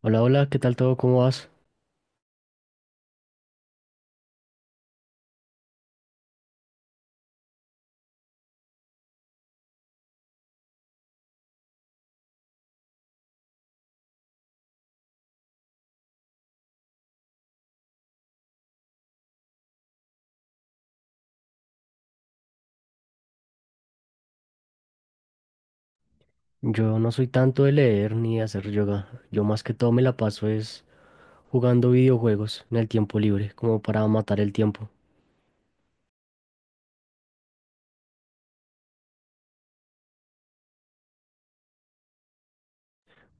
Hola, hola, ¿qué tal todo? ¿Cómo vas? Yo no soy tanto de leer ni de hacer yoga. Yo más que todo me la paso es jugando videojuegos en el tiempo libre, como para matar el tiempo.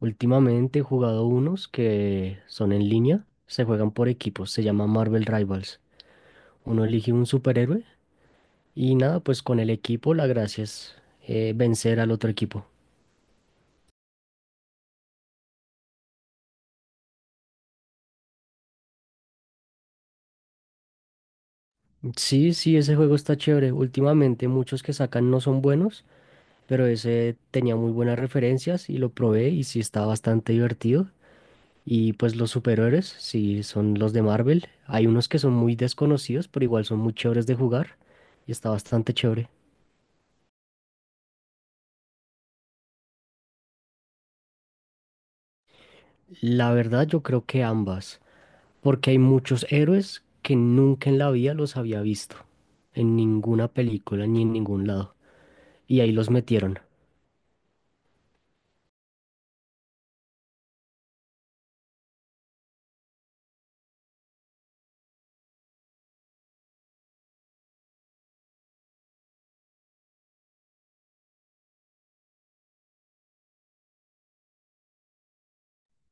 Últimamente he jugado unos que son en línea, se juegan por equipos, se llama Marvel Rivals. Uno elige un superhéroe y nada, pues con el equipo la gracia es vencer al otro equipo. Sí, sí, ese juego está chévere. Últimamente muchos que sacan no son buenos, pero ese tenía muy buenas referencias y lo probé y sí está bastante divertido. Y pues los superhéroes, sí, son los de Marvel. Hay unos que son muy desconocidos, pero igual son muy chéveres de jugar y está bastante chévere. La verdad, yo creo que ambas, porque hay muchos héroes que nunca en la vida los había visto, en ninguna película ni en ningún lado, y ahí los metieron.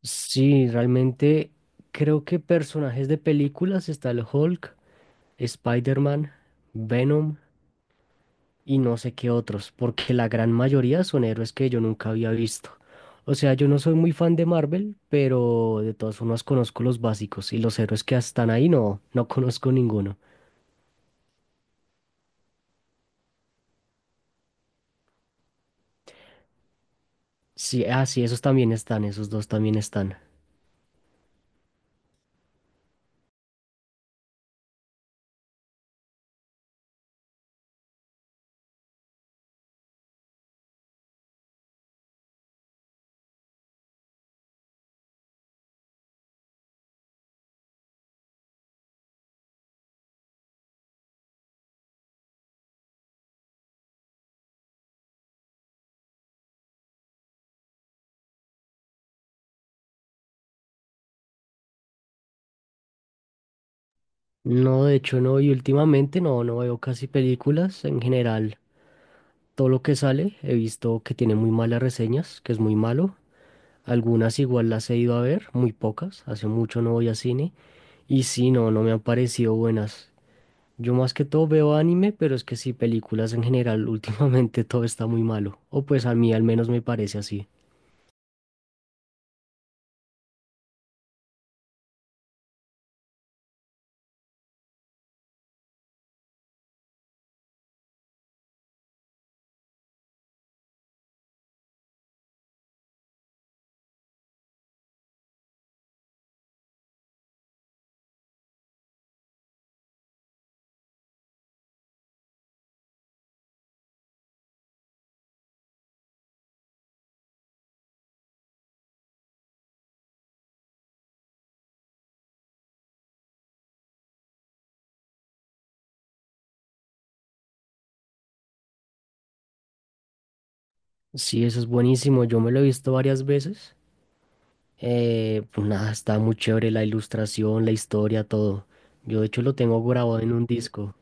Sí, realmente creo que personajes de películas está el Hulk, Spider-Man, Venom, y no sé qué otros, porque la gran mayoría son héroes que yo nunca había visto. O sea, yo no soy muy fan de Marvel, pero de todas formas conozco los básicos y los héroes que están ahí no, no conozco ninguno. Sí, ah, sí, esos también están, esos dos también están. No, de hecho no, y últimamente no, no veo casi películas en general. Todo lo que sale he visto que tiene muy malas reseñas, que es muy malo. Algunas igual las he ido a ver, muy pocas, hace mucho no voy a cine. Y sí, no, no me han parecido buenas. Yo más que todo veo anime, pero es que sí, películas en general, últimamente todo está muy malo. O pues a mí al menos me parece así. Sí, eso es buenísimo, yo me lo he visto varias veces. Pues nada, está muy chévere la ilustración, la historia, todo. Yo de hecho lo tengo grabado en un disco.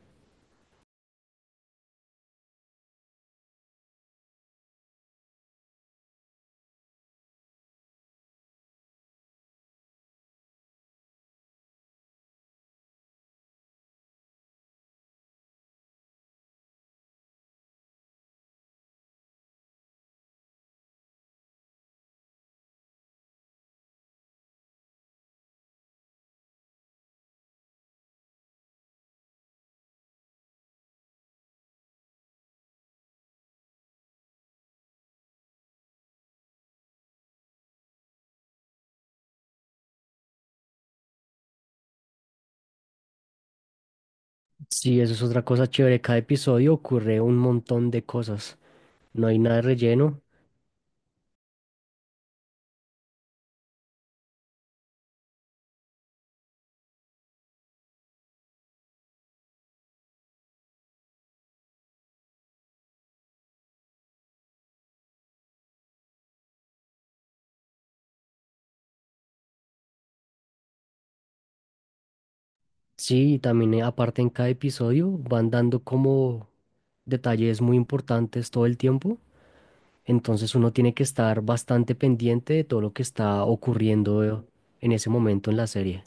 Sí, eso es otra cosa chévere. Cada episodio ocurre un montón de cosas. No hay nada de relleno. Sí, y también aparte en cada episodio van dando como detalles muy importantes todo el tiempo. Entonces uno tiene que estar bastante pendiente de todo lo que está ocurriendo en ese momento en la serie.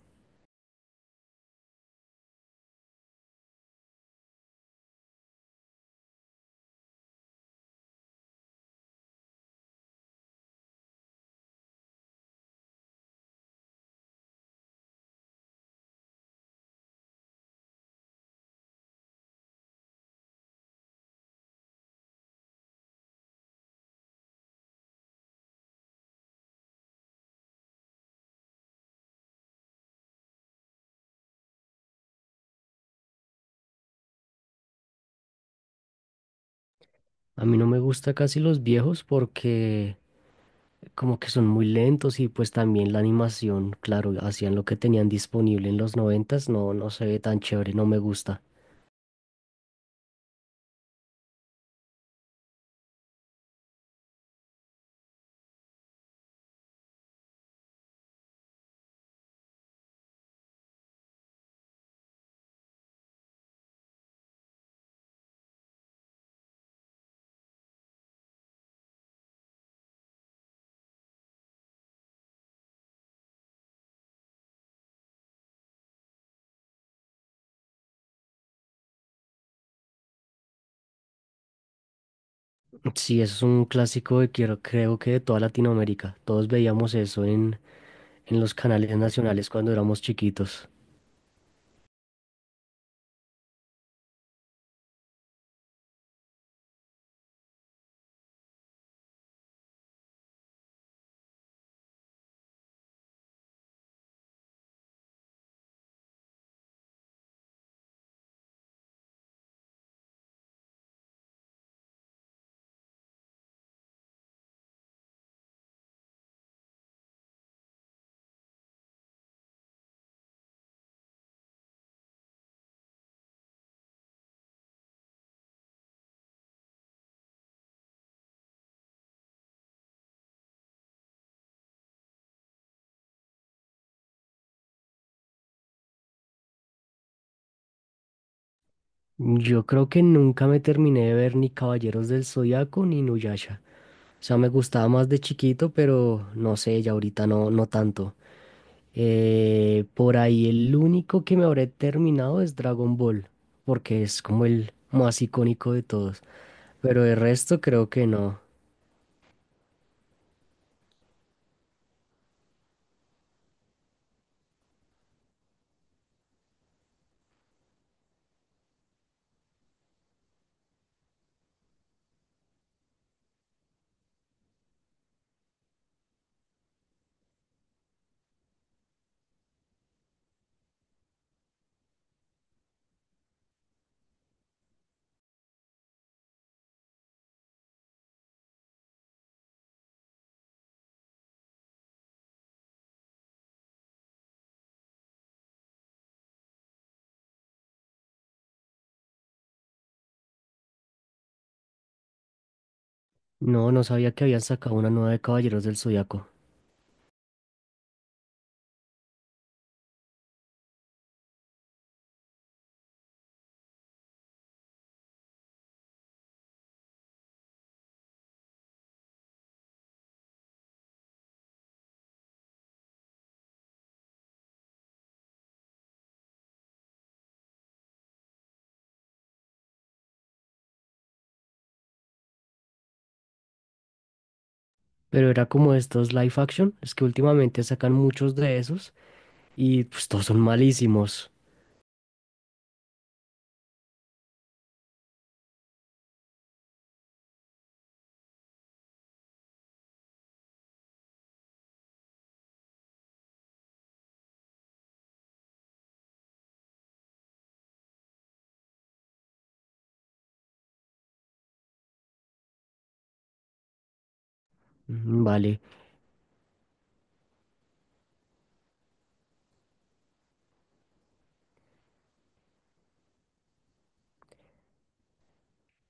A mí no me gusta casi los viejos porque como que son muy lentos y pues también la animación, claro, hacían lo que tenían disponible en los noventas, no, no se ve tan chévere, no me gusta. Sí, eso es un clásico de quiero, creo que de toda Latinoamérica. Todos veíamos eso en los canales nacionales cuando éramos chiquitos. Yo creo que nunca me terminé de ver ni Caballeros del Zodiaco ni Nuyasha. O sea, me gustaba más de chiquito, pero no sé, ya ahorita no, no tanto. Por ahí el único que me habré terminado es Dragon Ball, porque es como el más icónico de todos. Pero el resto creo que no. No, no sabía que habían sacado una nueva de Caballeros del Zodiaco. Pero era como estos live action, es que últimamente sacan muchos de esos y pues todos son malísimos. Mm, vale,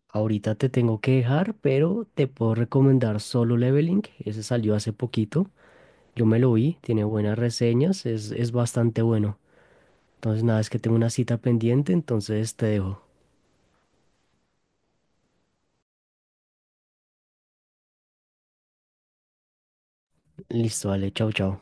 ahorita te tengo que dejar, pero te puedo recomendar Solo Leveling, ese salió hace poquito. Yo me lo vi, tiene buenas reseñas, es bastante bueno. Entonces, nada, es que tengo una cita pendiente, entonces te dejo. Listo, vale, chao, chao.